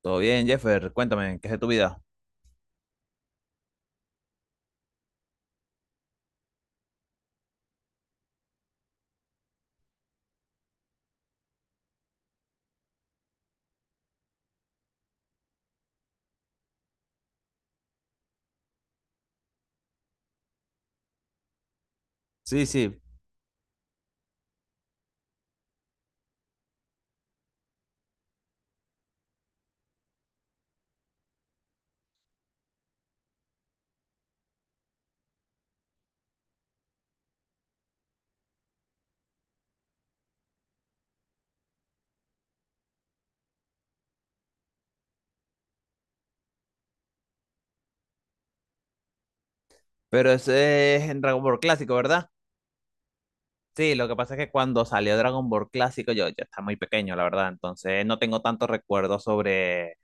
Todo bien, Jeffer, cuéntame, ¿qué es de tu vida? Sí, sí. Pero ese es en Dragon Ball Clásico, ¿verdad? Sí, lo que pasa es que cuando salió Dragon Ball Clásico yo ya estaba muy pequeño, la verdad, entonces no tengo tantos recuerdos sobre,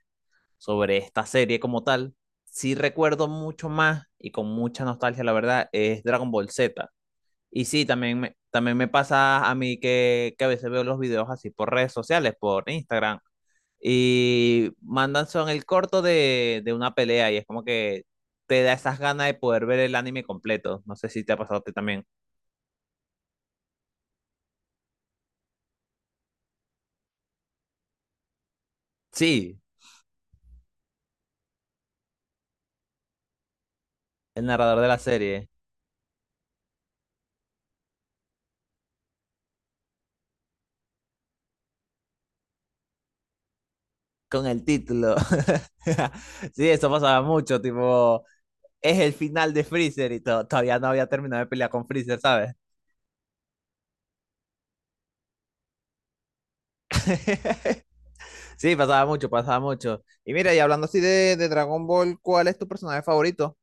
sobre esta serie como tal. Sí recuerdo mucho más y con mucha nostalgia, la verdad, es Dragon Ball Z. Y sí, también me pasa a mí que a veces veo los videos así por redes sociales, por Instagram, y mandan son el corto de una pelea y es como que te da esas ganas de poder ver el anime completo. No sé si te ha pasado a ti también. Sí, el narrador de la serie, con el título. Sí, eso pasaba mucho, tipo, es el final de Freezer y todavía no había terminado de pelear con Freezer, ¿sabes? Sí, pasaba mucho, pasaba mucho. Y mira, y hablando así de Dragon Ball, ¿cuál es tu personaje favorito?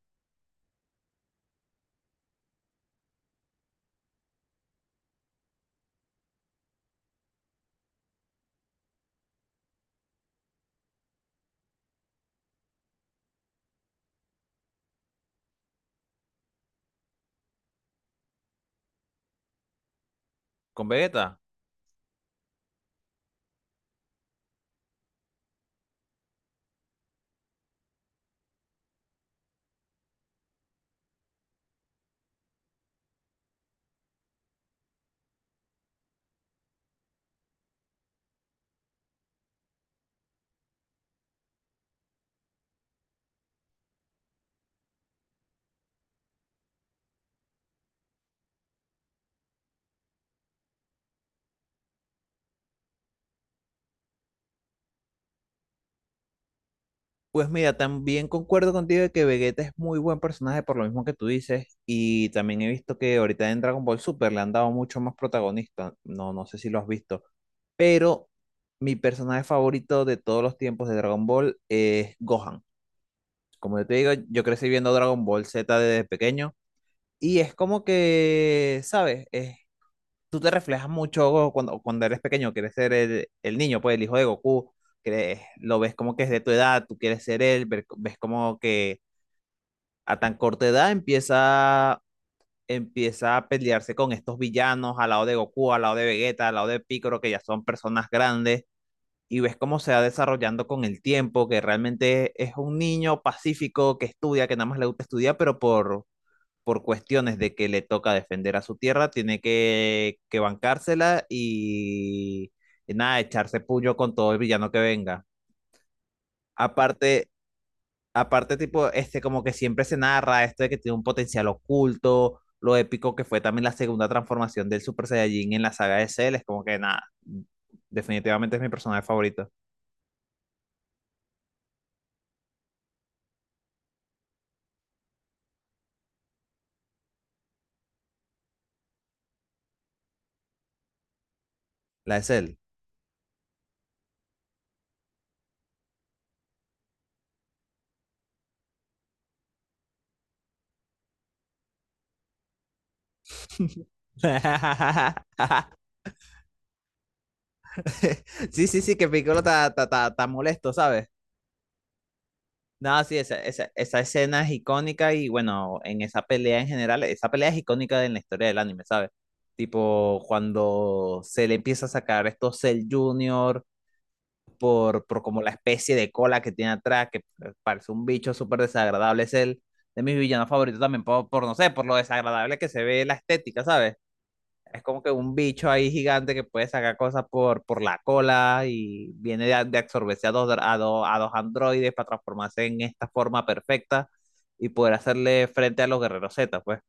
Con Vegeta. Pues mira, también concuerdo contigo de que Vegeta es muy buen personaje por lo mismo que tú dices y también he visto que ahorita en Dragon Ball Super le han dado mucho más protagonista, no, no sé si lo has visto, pero mi personaje favorito de todos los tiempos de Dragon Ball es Gohan. Como yo te digo, yo crecí viendo Dragon Ball Z desde pequeño y es como que, ¿sabes? Tú te reflejas mucho cuando eres pequeño, quieres ser el niño, pues el hijo de Goku, crees lo ves como que es de tu edad, tú quieres ser él, ves como que a tan corta edad empieza a pelearse con estos villanos al lado de Goku, al lado de Vegeta, al lado de Piccolo, que ya son personas grandes, y ves cómo se va desarrollando con el tiempo, que realmente es un niño pacífico que estudia, que nada más le gusta estudiar, pero por cuestiones de que le toca defender a su tierra, tiene que bancársela y nada, echarse puño con todo el villano que venga. Aparte, aparte, tipo, este, como que siempre se narra esto de que tiene un potencial oculto, lo épico que fue también la segunda transformación del Super Saiyajin en la saga de Cell, es como que nada, definitivamente es mi personaje favorito, la de Cell. Sí, sí, sí, que Piccolo está molesto, ¿sabes? No, sí, esa escena es icónica y bueno, en esa pelea en general, esa pelea es icónica en la historia del anime, ¿sabes? Tipo, cuando Cell empieza a sacar estos Cell Junior por como la especie de cola que tiene atrás, que parece un bicho súper desagradable. Es el de mis villanos favoritos también, por, no sé, por lo desagradable que se ve la estética, ¿sabes? Es como que un bicho ahí gigante que puede sacar cosas por la cola y viene de absorberse a dos androides para transformarse en esta forma perfecta y poder hacerle frente a los guerreros Z, pues.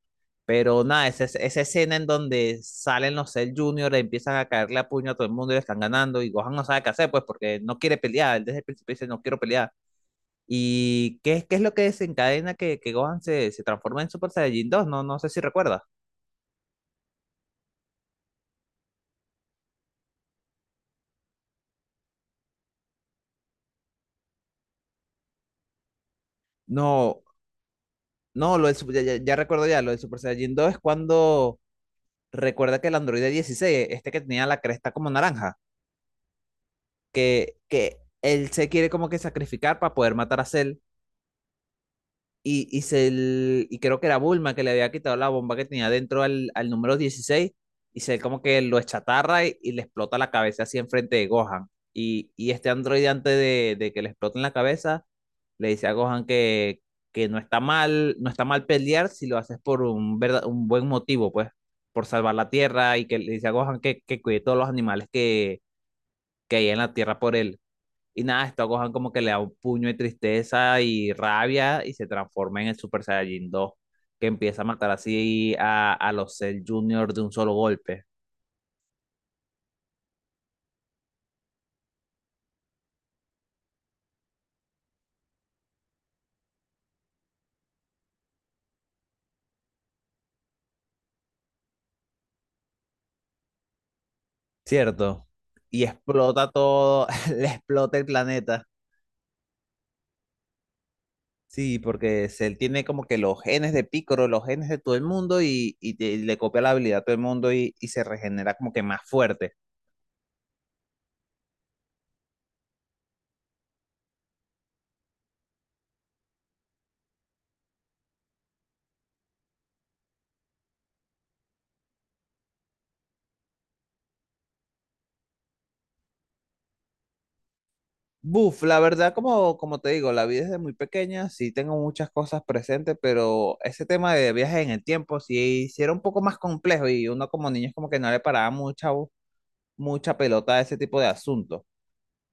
Pero nada, esa escena en donde salen los Cell Junior, empiezan a caerle a puño a todo el mundo y le están ganando. Y Gohan no sabe qué hacer, pues, porque no quiere pelear. Él desde el principio dice: No quiero pelear. ¿Y qué es lo que desencadena que Gohan se transforma en Super Saiyajin dos? No, no sé si recuerdas. No, no, ya recuerdo ya. Lo del Super Saiyajin dos es cuando recuerda que el androide 16 este que tenía la cresta como naranja, que él se quiere como que sacrificar para poder matar a Cell y creo que era Bulma que le había quitado la bomba que tenía dentro al número 16 y se como que lo chatarra y le explota la cabeza así enfrente de Gohan. Y este androide antes de que le explote en la cabeza le dice a Gohan que no está mal, no está mal pelear si lo haces por un buen motivo, pues, por salvar la tierra y que le dice a Gohan que cuide todos los animales que hay en la tierra por él. Y nada, esto a Gohan como que le da un puño de tristeza y rabia y se transforma en el Super Saiyajin dos que empieza a matar así a los Cell Junior de un solo golpe, ¿cierto? Y explota todo, le explota el planeta. Sí, porque Cell tiene como que los genes de Piccolo, los genes de todo el mundo y le copia la habilidad a todo el mundo y se regenera como que más fuerte. Buf, la verdad, como te digo, la vida es de muy pequeña, sí tengo muchas cosas presentes, pero ese tema de viajes en el tiempo sí, sí era un poco más complejo y uno como niño es como que no le paraba mucha pelota a ese tipo de asuntos.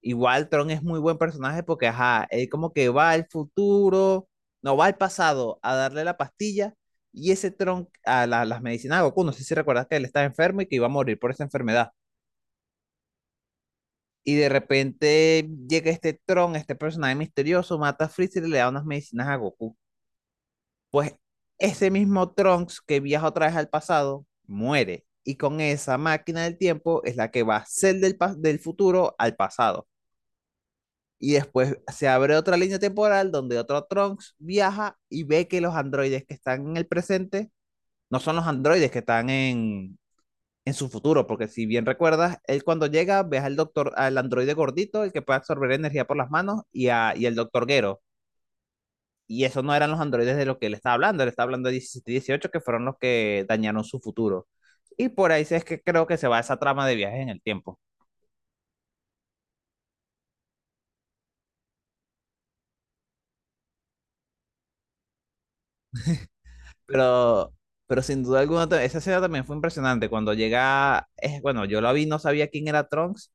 Igual Tron es muy buen personaje porque, ajá, él como que va al futuro, no va al pasado a darle la pastilla y ese Tron las medicinas de Goku, no sé si recuerdas que él estaba enfermo y que iba a morir por esa enfermedad. Y de repente llega este Tron, este personaje misterioso, mata a Freezer y le da unas medicinas a Goku. Ese mismo Trunks que viaja otra vez al pasado, muere. Y con esa máquina del tiempo es la que va a ser del futuro al pasado. Y después se abre otra línea temporal donde otro Trunks viaja y ve que los androides que están en el presente no son los androides que están en su futuro, porque si bien recuerdas, él cuando llega ves al doctor, al androide gordito, el que puede absorber energía por las manos, y el doctor Gero. Y esos no eran los androides de los que él estaba hablando de 17 y 18, que fueron los que dañaron su futuro. Y por ahí sí es que creo que se va esa trama de viajes en el tiempo. Pero, pero sin duda alguna, esa escena también fue impresionante. Cuando llega, es, bueno, yo la vi, no sabía quién era Trunks,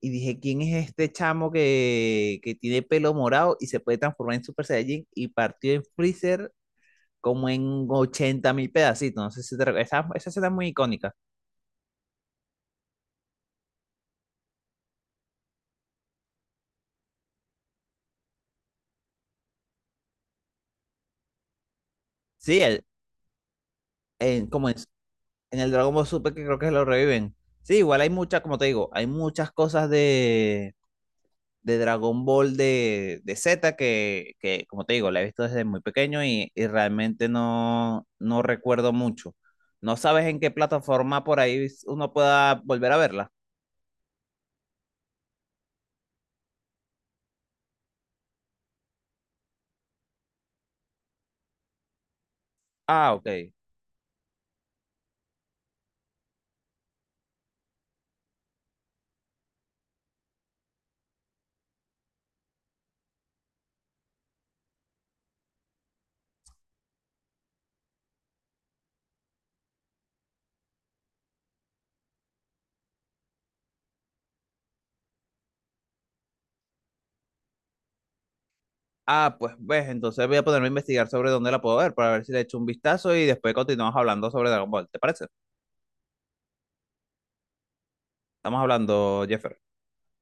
y dije, ¿quién es este chamo que tiene pelo morado y se puede transformar en Super Saiyajin? Y partió en Freezer como en 80.000 pedacitos. No sé si te recuerdas. Esa escena es muy icónica. Sí, el, en, como en el Dragon Ball Super, que creo que lo reviven. Sí, igual hay muchas, como te digo, hay muchas cosas de, de, Dragon Ball de Z que, como te digo, la he visto desde muy pequeño y realmente no, no recuerdo mucho. No sabes en qué plataforma por ahí uno pueda volver a verla. Ah, ok. Ah, pues ves, entonces voy a ponerme a investigar sobre dónde la puedo ver para ver si le echo un vistazo y después continuamos hablando sobre Dragon Ball. ¿Te parece? Estamos hablando, Jeffer.